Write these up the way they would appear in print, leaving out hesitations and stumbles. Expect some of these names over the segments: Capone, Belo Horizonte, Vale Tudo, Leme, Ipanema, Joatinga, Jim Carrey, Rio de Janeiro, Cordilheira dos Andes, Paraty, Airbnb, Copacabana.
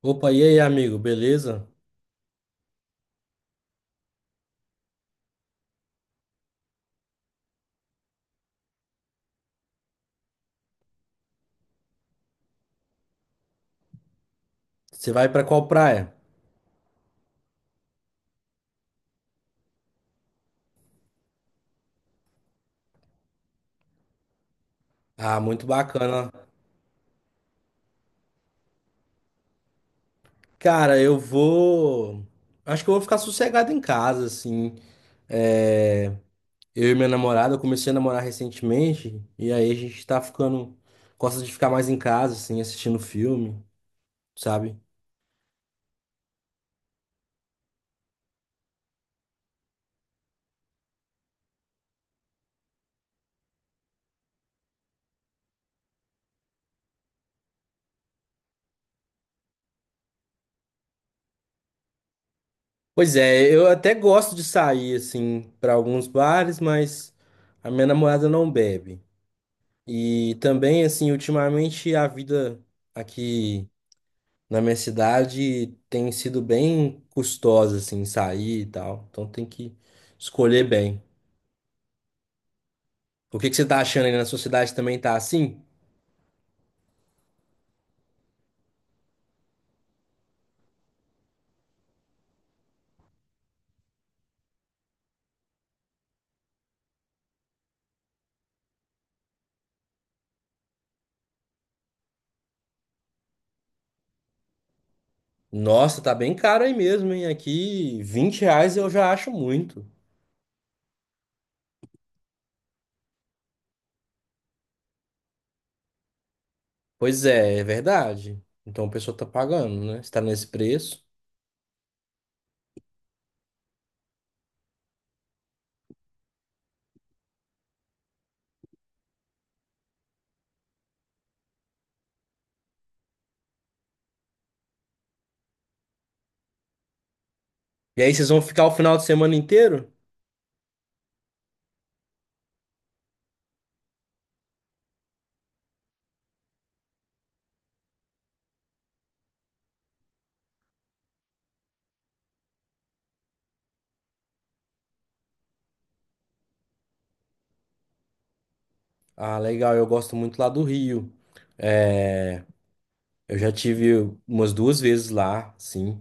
Opa, e aí, amigo, beleza? Você vai pra qual praia? Ah, muito bacana. Cara, eu vou. Acho que eu vou ficar sossegado em casa, assim. É, eu e minha namorada, eu comecei a namorar recentemente, e aí a gente tá ficando. Gosta de ficar mais em casa, assim, assistindo filme, sabe? Pois é, eu até gosto de sair, assim, pra alguns bares, mas a minha namorada não bebe. E também, assim, ultimamente a vida aqui. Na minha cidade tem sido bem custosa, assim, sair e tal. Então tem que escolher bem. O que que você tá achando aí na sua cidade também tá assim? Nossa, tá bem caro aí mesmo, hein? Aqui, R$ 20 eu já acho muito. Pois é, é verdade. Então o pessoal tá pagando, né? Está nesse preço. E aí vocês vão ficar o final de semana inteiro? Ah, legal, eu gosto muito lá do Rio. Eu já tive umas duas vezes lá, sim.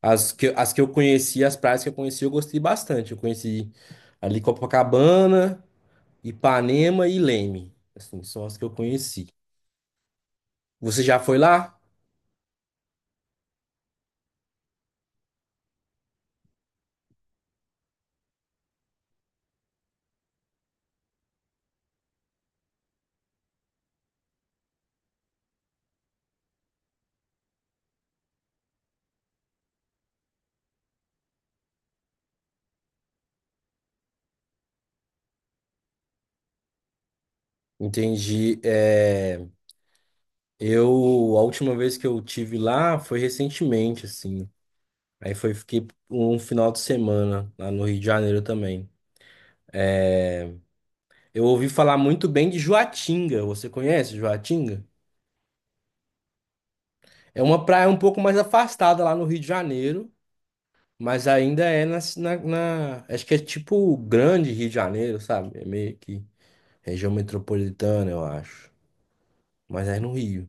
As que eu conheci, as praias que eu conheci, eu gostei bastante. Eu conheci ali Copacabana, Ipanema e Leme. Assim, são as que eu conheci. Você já foi lá? Entendi. É, a última vez que eu tive lá foi recentemente, assim. Aí foi, fiquei um final de semana lá no Rio de Janeiro também. Eu ouvi falar muito bem de Joatinga. Você conhece Joatinga? É uma praia um pouco mais afastada lá no Rio de Janeiro. Mas ainda é na- acho que é tipo o grande Rio de Janeiro, sabe? É meio que região metropolitana, eu acho. Mas é no Rio.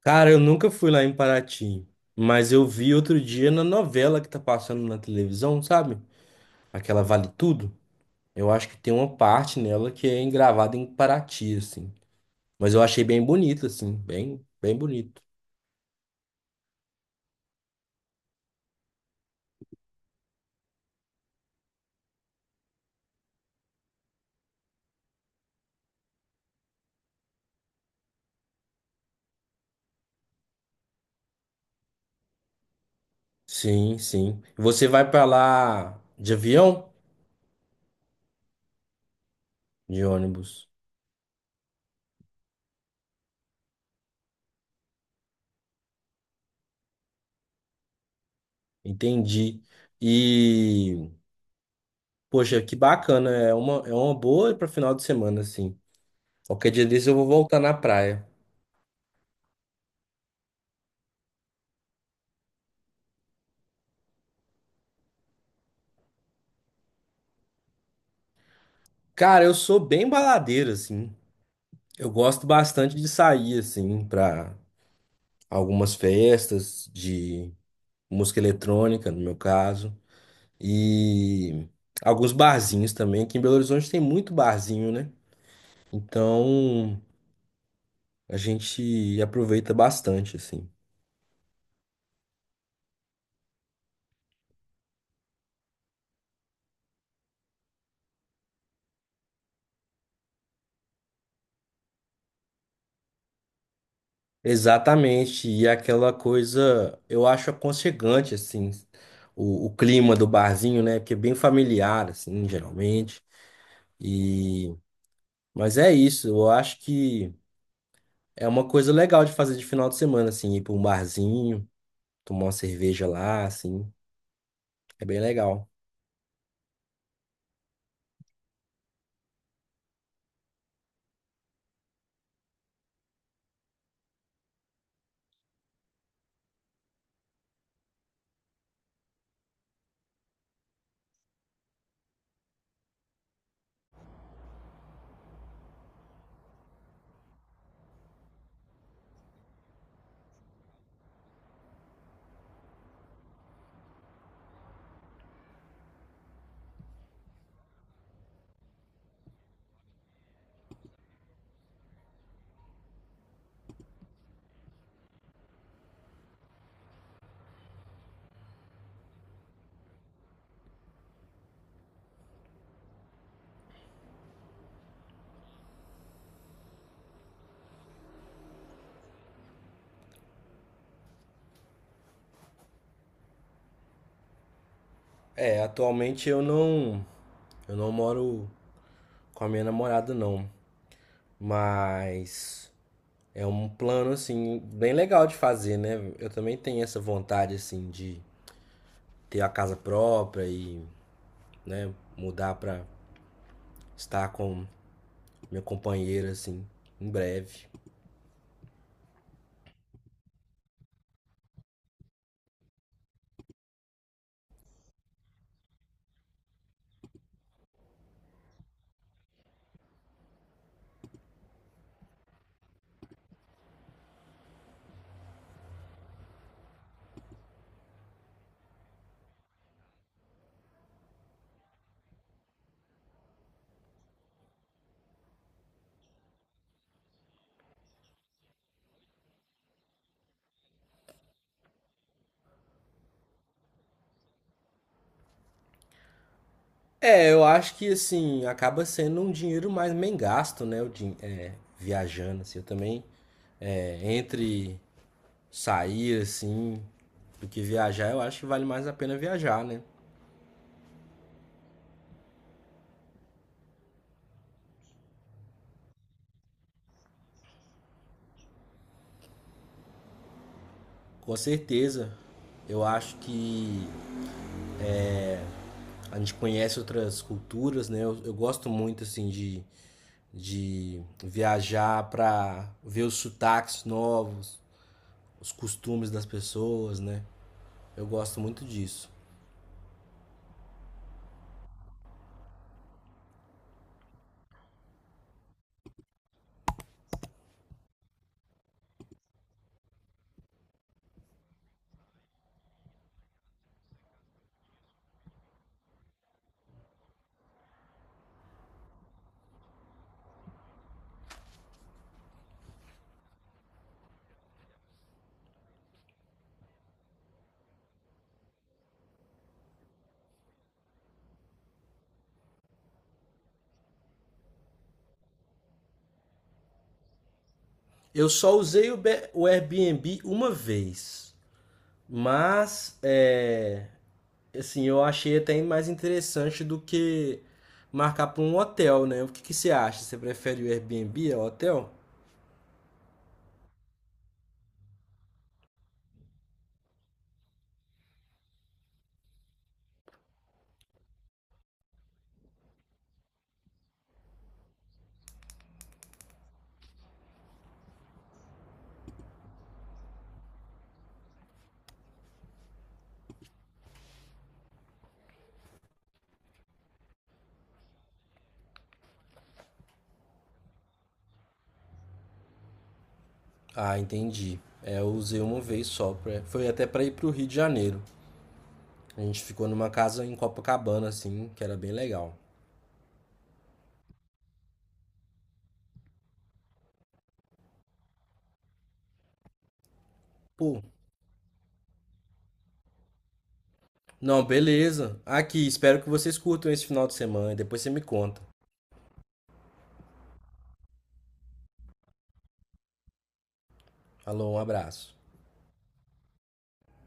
Cara, eu nunca fui lá em Paraty. Mas eu vi outro dia na novela que tá passando na televisão, sabe? Aquela Vale Tudo. Eu acho que tem uma parte nela que é gravada em Paraty, assim. Mas eu achei bem bonito, assim. Bem, bem bonito. Sim, sim. Você vai pra lá de avião? De ônibus. Entendi. E. Poxa, que bacana. É uma boa para final de semana, assim. Qualquer dia desse eu vou voltar na praia. Cara, eu sou bem baladeiro, assim. Eu gosto bastante de sair, assim, pra algumas festas de música eletrônica, no meu caso. E alguns barzinhos também. Aqui em Belo Horizonte tem muito barzinho, né? Então a gente aproveita bastante, assim. Exatamente, e aquela coisa, eu acho aconchegante, assim, o clima do barzinho, né? Porque é bem familiar, assim, geralmente. E... mas é isso, eu acho que é uma coisa legal de fazer de final de semana, assim, ir para um barzinho, tomar uma cerveja lá, assim, é bem legal. É, atualmente eu não moro com a minha namorada, não, mas é um plano, assim, bem legal de fazer, né? Eu também tenho essa vontade, assim, de ter a casa própria e, né, mudar pra estar com minha companheira, assim, em breve. É, eu acho que, assim, acaba sendo um dinheiro mais bem gasto, né, o din é, viajando, assim, eu também, é, entre sair, assim, do que viajar, eu acho que vale mais a pena viajar, né? Com certeza. Eu acho que a gente conhece outras culturas, né? Eu gosto muito, assim, de viajar para ver os sotaques novos, os costumes das pessoas, né? Eu gosto muito disso. Eu só usei o, Airbnb uma vez, mas é, assim, eu achei até mais interessante do que marcar para um hotel, né? O que que você acha? Você prefere o Airbnb ao hotel? Ah, entendi. É, eu usei uma vez só, pra- foi até para ir para o Rio de Janeiro. A gente ficou numa casa em Copacabana, assim, que era bem legal. Pô, não, beleza. Aqui, espero que vocês curtam esse final de semana e depois você me conta. Alô, um abraço.